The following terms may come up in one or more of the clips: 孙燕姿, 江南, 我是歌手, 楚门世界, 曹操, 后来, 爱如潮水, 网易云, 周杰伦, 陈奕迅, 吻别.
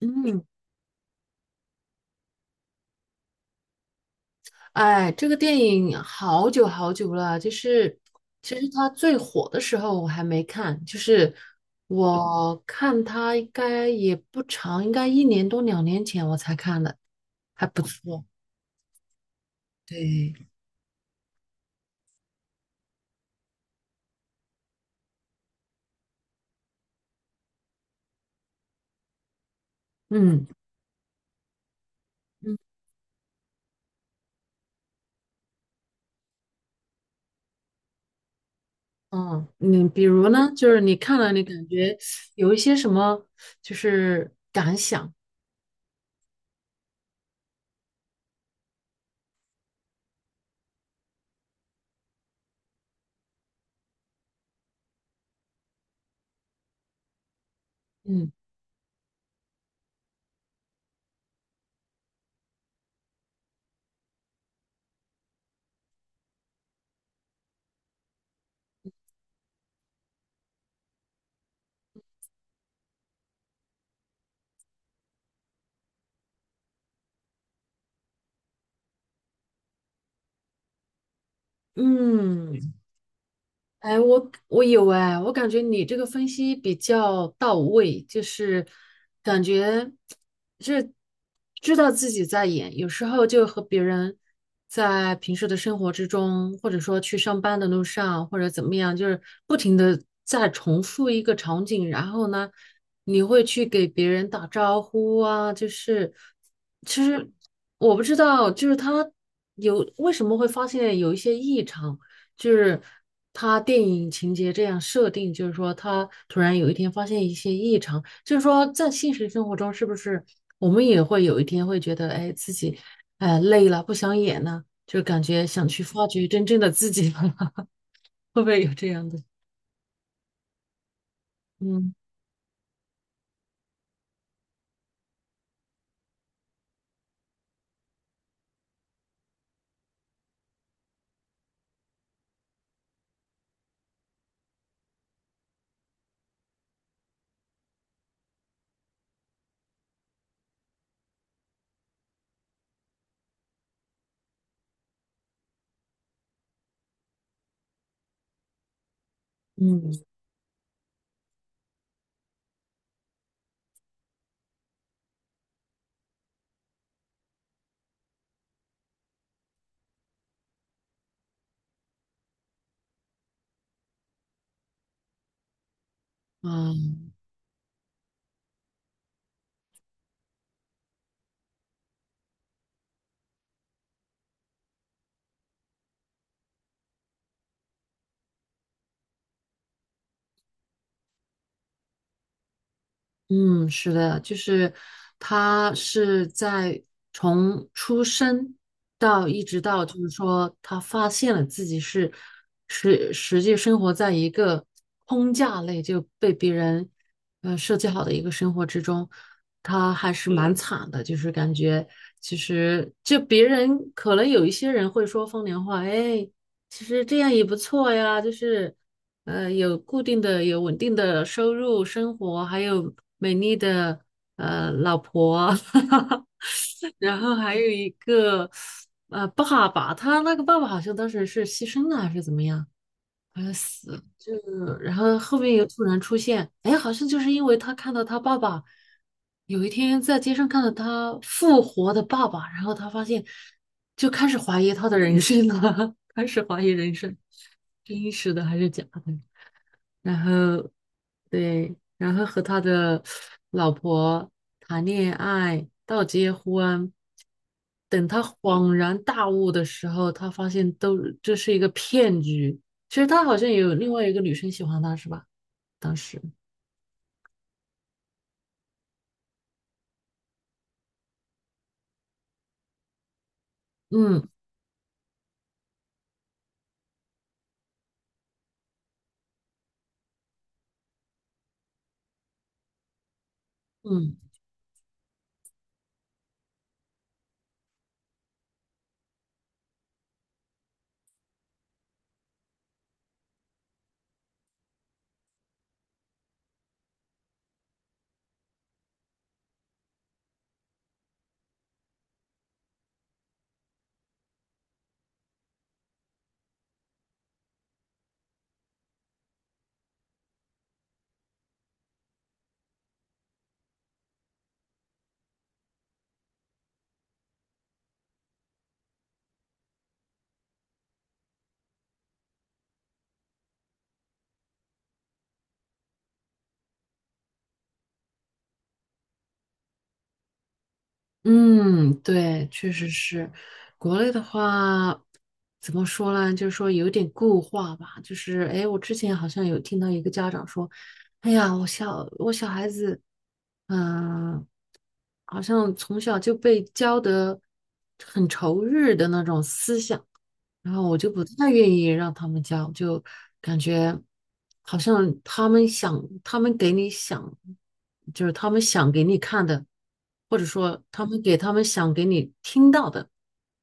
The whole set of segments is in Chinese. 嗯。哎，这个电影好久好久了，就是其实它最火的时候我还没看，就是我看它应该也不长，应该一年多两年前我才看的，还不错。对。嗯嗯嗯，你比如呢，就是你看了你感觉有一些什么，就是感想？嗯嗯，哎，我有哎，我感觉你这个分析比较到位，就是感觉是知道自己在演，有时候就和别人在平时的生活之中，或者说去上班的路上，或者怎么样，就是不停的在重复一个场景，然后呢，你会去给别人打招呼啊，就是其实我不知道，就是他有为什么会发现有一些异常。就是他电影情节这样设定，就是说他突然有一天发现一些异常，就是说在现实生活中是不是我们也会有一天会觉得，哎，自己哎累了，不想演了，就感觉想去发掘真正的自己了，会不会有这样的？嗯。嗯嗯啊。嗯，是的，就是他是在从出生到一直到，就是说他发现了自己是实实际生活在一个框架内，就被别人设计好的一个生活之中，他还是蛮惨的，就是感觉其实就别人可能有一些人会说风凉话，哎，其实这样也不错呀，就是，有固定的、有稳定的收入、生活，还有美丽的老婆，然后还有一个爸爸，他那个爸爸好像当时是牺牲了还是怎么样？快要死了，就然后后面又突然出现，哎，好像就是因为他看到他爸爸有一天在街上看到他复活的爸爸，然后他发现就开始怀疑他的人生了，开始怀疑人生真实的还是假的。然后对，然后和他的老婆谈恋爱到结婚，等他恍然大悟的时候，他发现都这是一个骗局。其实他好像有另外一个女生喜欢他，是吧？当时，嗯嗯。嗯，对，确实是。国内的话，怎么说呢？就是说有点固化吧。就是，哎，我之前好像有听到一个家长说，哎呀，我小孩子，嗯、好像从小就被教得很仇日的那种思想。然后我就不太愿意让他们教，就感觉好像他们想，他们给你想，就是他们想给你看的，或者说他们给他们想给你听到的，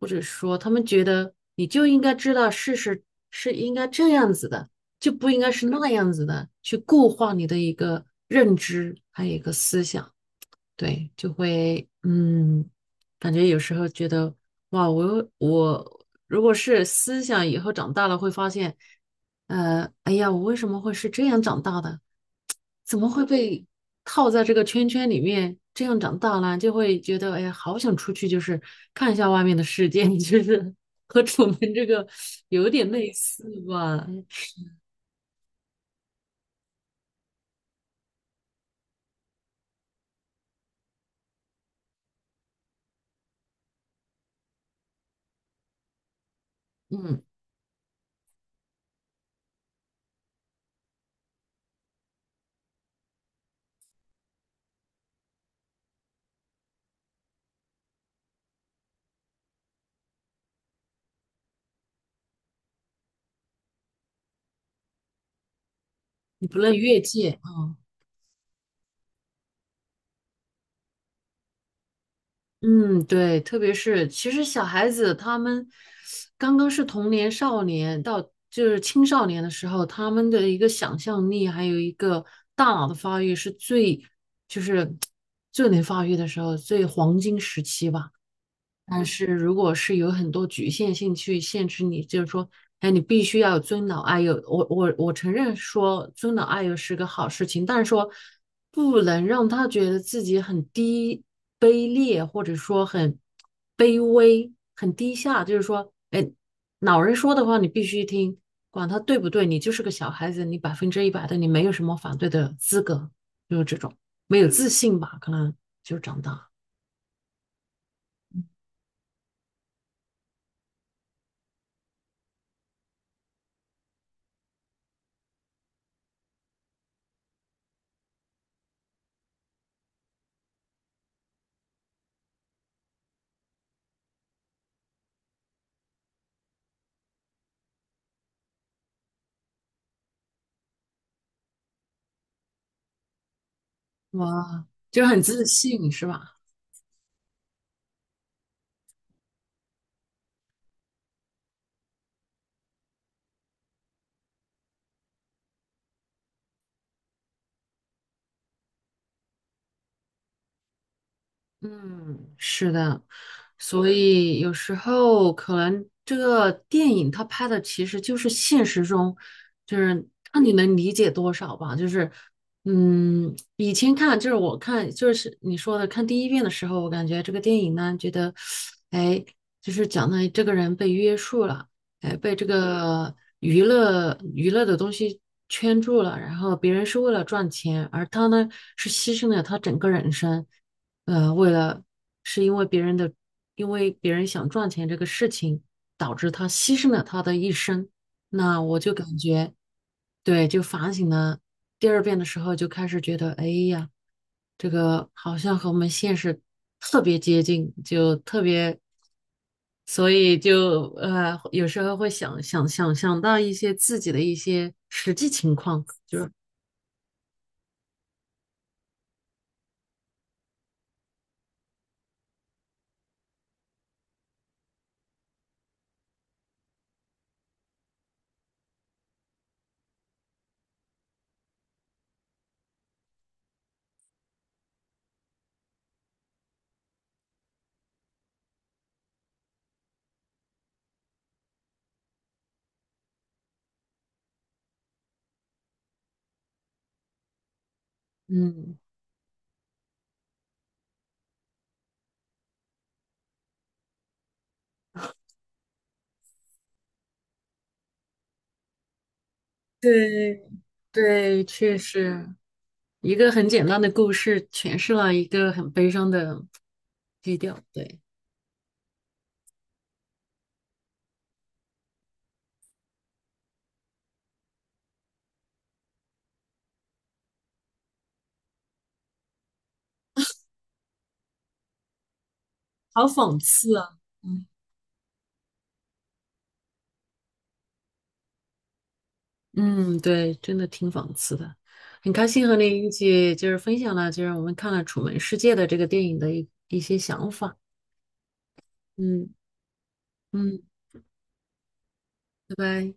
或者说他们觉得你就应该知道事实是应该这样子的，就不应该是那样子的，去固化你的一个认知，还有一个思想。对，就会感觉有时候觉得哇，我如果是思想以后长大了会发现，哎呀，我为什么会是这样长大的？怎么会被套在这个圈圈里面这样长大呢？就会觉得哎呀，好想出去，就是看一下外面的世界，就是和楚门这个有点类似吧。哎。嗯，你不论越界啊。嗯，对，特别是其实小孩子他们刚刚是童年、少年到就是青少年的时候，他们的一个想象力还有一个大脑的发育是最就是 最能发育的时候，最黄金时期吧。但是如果是有很多局限性去限制你，就是说，哎，你必须要有尊老爱幼。我承认说尊老爱幼是个好事情，但是说不能让他觉得自己很低卑劣，或者说很卑微、很低下。就是说，哎，老人说的话你必须听，管他对不对，你就是个小孩子，你百分之一百的你没有什么反对的资格，就是这种没有自信吧，可能就长大。哇，就很自信是吧？嗯，是的。所以有时候可能这个电影它拍的其实就是现实中，就是看你能理解多少吧。就是，嗯，以前看就是我看就是你说的看第一遍的时候，我感觉这个电影呢，觉得，哎，就是讲的这个人被约束了，哎，被这个娱乐娱乐的东西圈住了，然后别人是为了赚钱，而他呢是牺牲了他整个人生。为了是因为别人的，因为别人想赚钱这个事情，导致他牺牲了他的一生。那我就感觉，对，就反省了第二遍的时候，就开始觉得，哎呀，这个好像和我们现实特别接近，就特别，所以就有时候会想到一些自己的一些实际情况，就是嗯，对对，确实。一个很简单的故事诠释了一个很悲伤的基调，对，好讽刺啊！嗯嗯，对，真的挺讽刺的。很开心和你一起就是分享了，就是我们看了《楚门世界》的这个电影的一些想法。嗯。嗯，拜拜。